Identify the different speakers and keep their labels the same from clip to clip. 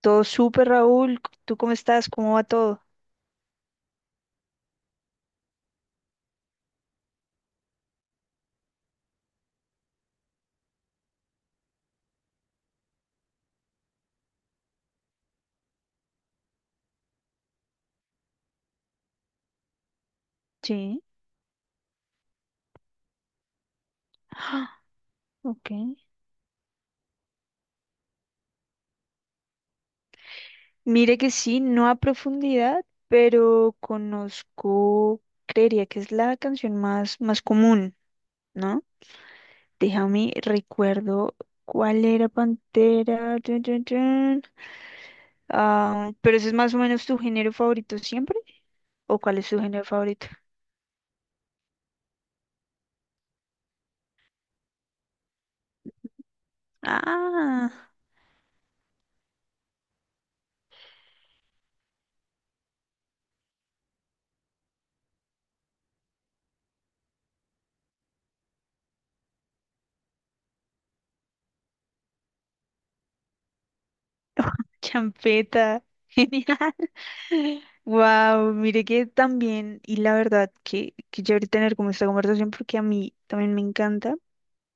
Speaker 1: Todo súper, Raúl. ¿Tú cómo estás? ¿Cómo va todo? Sí. Ah, ok. Mire que sí, no a profundidad, pero conozco, creería que es la canción más, más común, ¿no? Déjame, recuerdo cuál era Pantera. Tun, tun, tun. Ah, pero ese es más o menos tu género favorito siempre, ¿o cuál es tu género favorito? Ah, champeta. Genial. Wow, mire que también, y la verdad que chévere tener como esta conversación porque a mí también me encanta,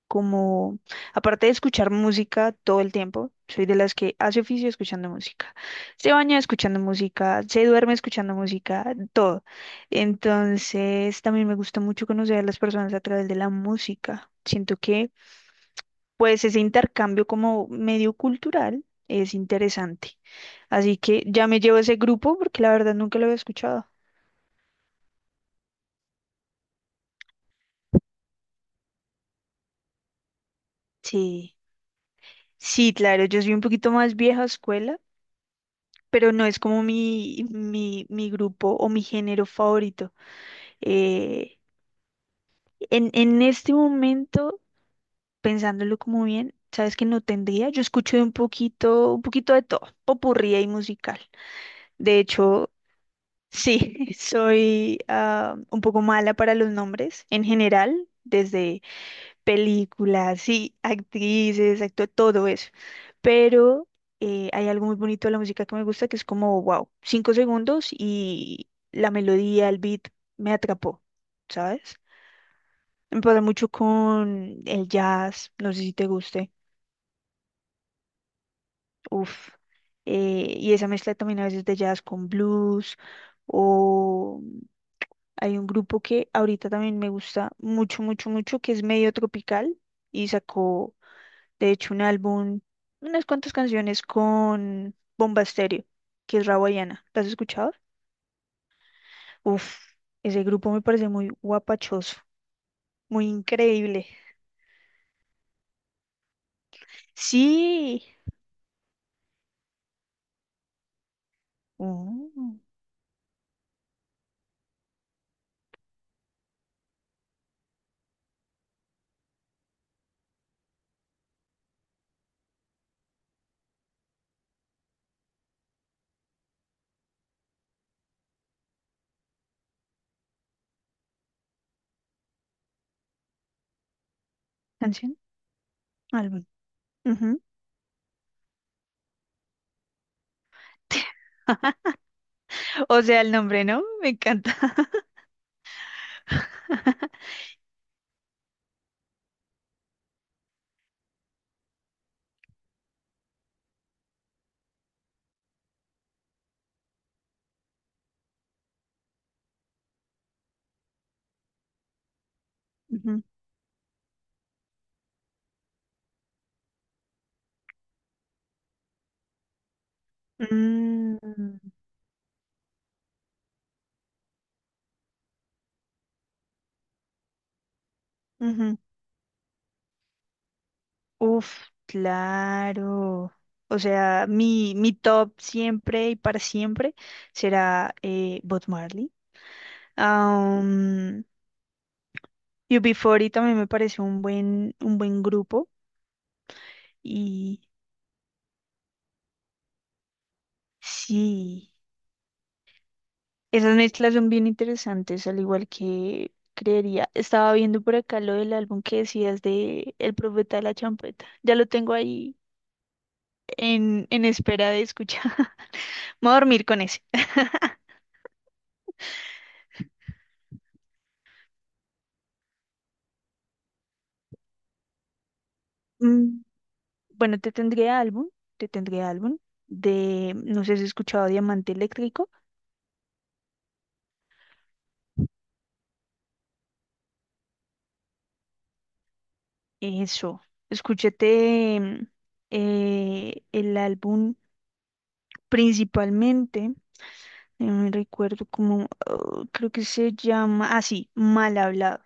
Speaker 1: como, aparte de escuchar música todo el tiempo, soy de las que hace oficio escuchando música, se baña escuchando música, se duerme escuchando música, todo. Entonces, también me gusta mucho conocer a las personas a través de la música. Siento que, pues, ese intercambio como medio cultural es interesante. Así que ya me llevo ese grupo porque la verdad nunca lo había escuchado. Sí, sí, claro, yo soy un poquito más vieja escuela, pero no es como mi, mi grupo o mi género favorito. Eh, en este momento, pensándolo como bien, sabes que no tendría, yo escucho de un poquito de todo, popurrí y musical. De hecho, sí, soy un poco mala para los nombres en general, desde películas, sí, actrices, actúa todo eso. Pero hay algo muy bonito de la música que me gusta que es como, wow, 5 segundos y la melodía, el beat me atrapó, ¿sabes? Me pasa mucho con el jazz, no sé si te guste, uff. Y esa mezcla también a veces de jazz con blues o hay un grupo que ahorita también me gusta mucho, mucho, mucho que es medio tropical y sacó, de hecho, un álbum, unas cuantas canciones con Bomba Estéreo, que es Rawayana. ¿Las has escuchado? Uf, ese grupo me parece muy guapachoso, muy increíble. Sí. Oh, canción, álbum. Ujú. O sea, el nombre, ¿no? Me encanta. Ujú. Mm, ujú. Uf, claro. O sea, mi top siempre y para siempre será Bob Marley. Um, UB40 también me pareció un buen grupo y sí, esas mezclas son bien interesantes, al igual que creería. Estaba viendo por acá lo del álbum que decías de El Profeta de la Champeta. Ya lo tengo ahí en espera de escuchar. Me voy a dormir con ese. Mm, bueno, te tendré álbum de, no sé si has escuchado Diamante Eléctrico. Eso, escúchate el álbum. Principalmente, me recuerdo como, oh, creo que se llama así, Mal Hablado.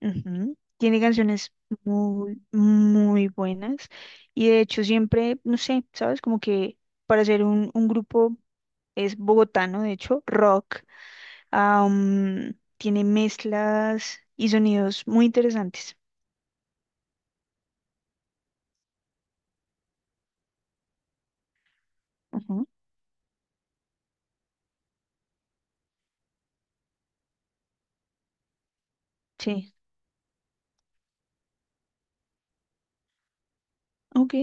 Speaker 1: Ujú. Tiene canciones muy, muy buenas y de hecho siempre, no sé, ¿sabes? Como que para ser un grupo es bogotano, de hecho, rock, tiene mezclas y sonidos muy interesantes. Ujú, sí, ok.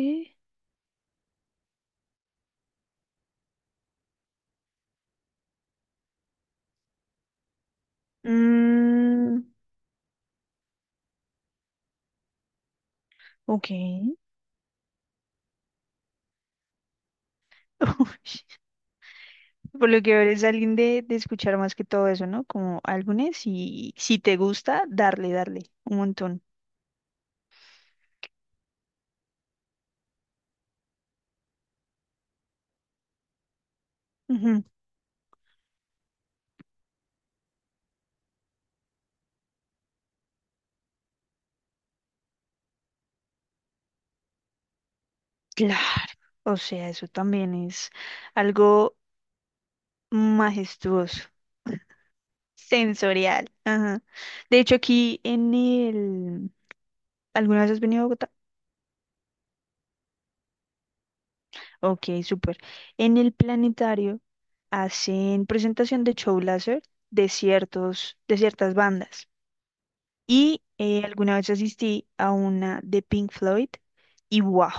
Speaker 1: Mm, ok. Por lo que eres alguien de escuchar más que todo eso, ¿no? Como álbumes y si te gusta, darle, darle un montón. Ujú, claro. O sea, eso también es algo majestuoso, sensorial. Ajá. De hecho, aquí en el. ¿Alguna vez has venido a Bogotá? Ok, súper. En el planetario hacen presentación de show láser de ciertas bandas. Y alguna vez asistí a una de Pink Floyd y wow.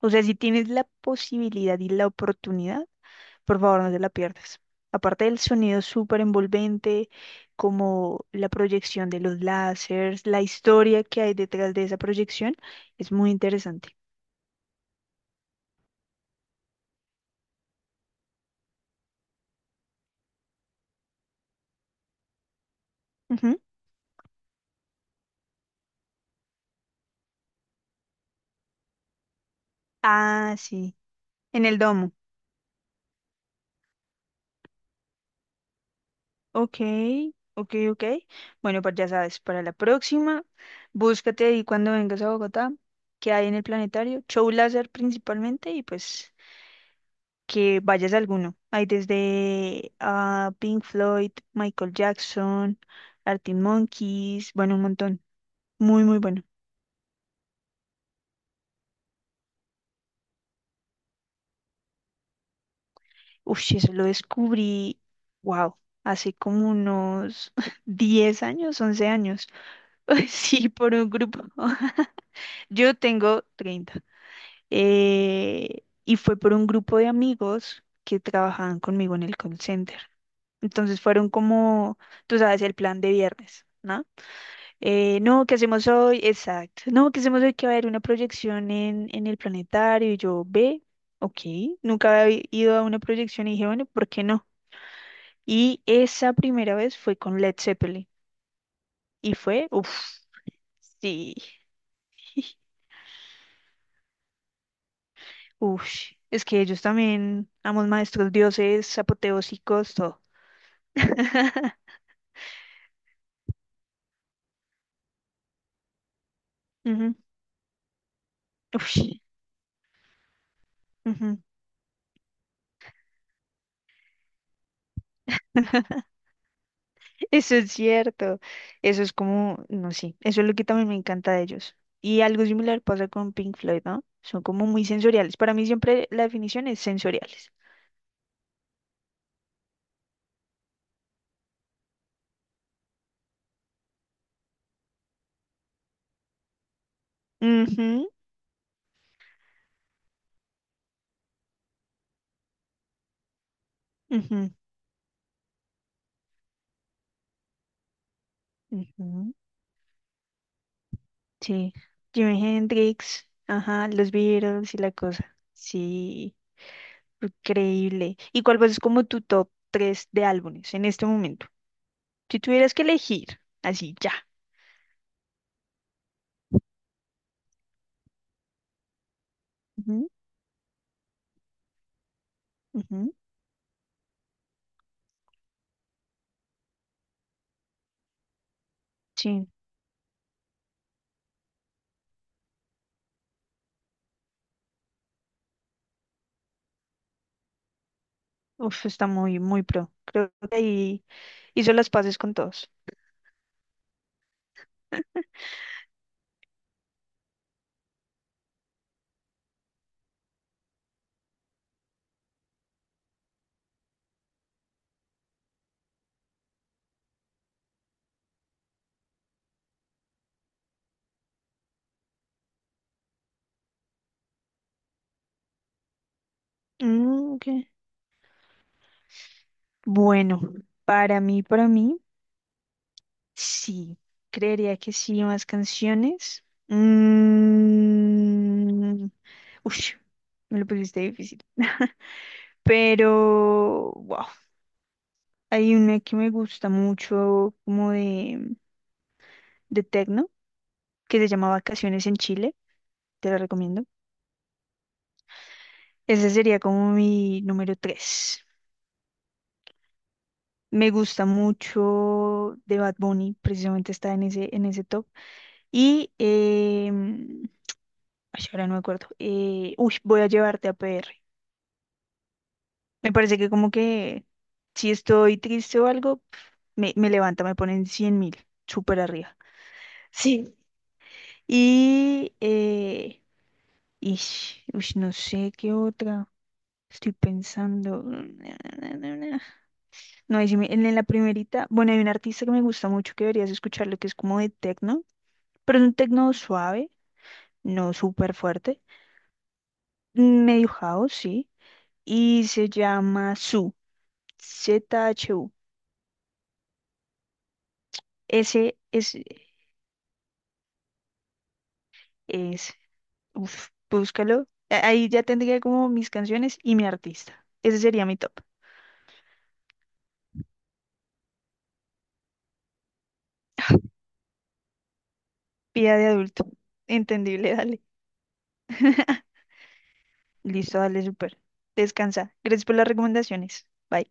Speaker 1: O sea, si tienes la posibilidad y la oportunidad, por favor no te la pierdas. Aparte del sonido súper envolvente, como la proyección de los láseres, la historia que hay detrás de esa proyección, es muy interesante. Ujú. Ah, sí, en el domo. Ok, ok, ok. Bueno, pues ya sabes, para la próxima, búscate ahí cuando vengas a Bogotá, que hay en el planetario, show láser principalmente, y pues que vayas a alguno. Hay desde Pink Floyd, Michael Jackson, Arctic Monkeys, bueno, un montón. Muy, muy bueno. Uf, sí, eso lo descubrí, wow, hace como unos 10 años, 11 años. Sí, por un grupo. Yo tengo 30. Y fue por un grupo de amigos que trabajaban conmigo en el call center. Entonces fueron como, tú sabes, el plan de viernes, ¿no? No, ¿qué hacemos hoy? Exacto. No, ¿qué hacemos hoy? Que va a haber una proyección en el planetario. Y yo, ve, ok. Nunca había ido a una proyección y dije, bueno, ¿por qué no? Y esa primera vez fue con Led Zeppelin. Y fue, uff, sí. Uff, es que ellos también, amos maestros, dioses, apoteósicos, todo. Ujú. Ush, ujú. Eso es cierto. Eso es como, no sé, eso es lo que también me encanta de ellos. Y algo similar pasa con Pink Floyd, ¿no? Son como muy sensoriales. Para mí siempre la definición es sensoriales. Ujú, ujú, ujú. Sí. Jimi Hendrix, ajá, los Beatles y la cosa. Sí, increíble. ¿Y cuál es como tu top 3 de álbumes en este momento? Si tuvieras que elegir, así ya. Ujú, ujú, sí. Uf, está muy, muy pro. Creo que ahí hizo las paces con todos. Mm, ok. Bueno, para mí, sí. Creería que sí, más canciones. Ush, me lo pusiste difícil. Pero, wow, hay una que me gusta mucho, como de techno, que se llama Vacaciones en Chile. Te la recomiendo. Ese sería como mi número 3. Me gusta mucho de Bad Bunny, precisamente está en ese top. Y, ay, ahora no me acuerdo. Uy, voy a llevarte a PR. Me parece que como que si estoy triste o algo, me levanta, me ponen 100.000, súper arriba. Sí. Y, ish, ush, no sé qué otra. Estoy pensando. No, ahí sí en la primerita, bueno, hay un artista que me gusta mucho que deberías escucharlo, que es como de techno, pero es un techno suave, no súper fuerte, medio house, sí, y se llama Su, ZHU. Ese es, uf, búscalo. Ahí ya tendría como mis canciones y mi artista. Ese sería mi top. Vida de adulto. Entendible, dale. Listo, dale, súper. Descansa. Gracias por las recomendaciones. Bye.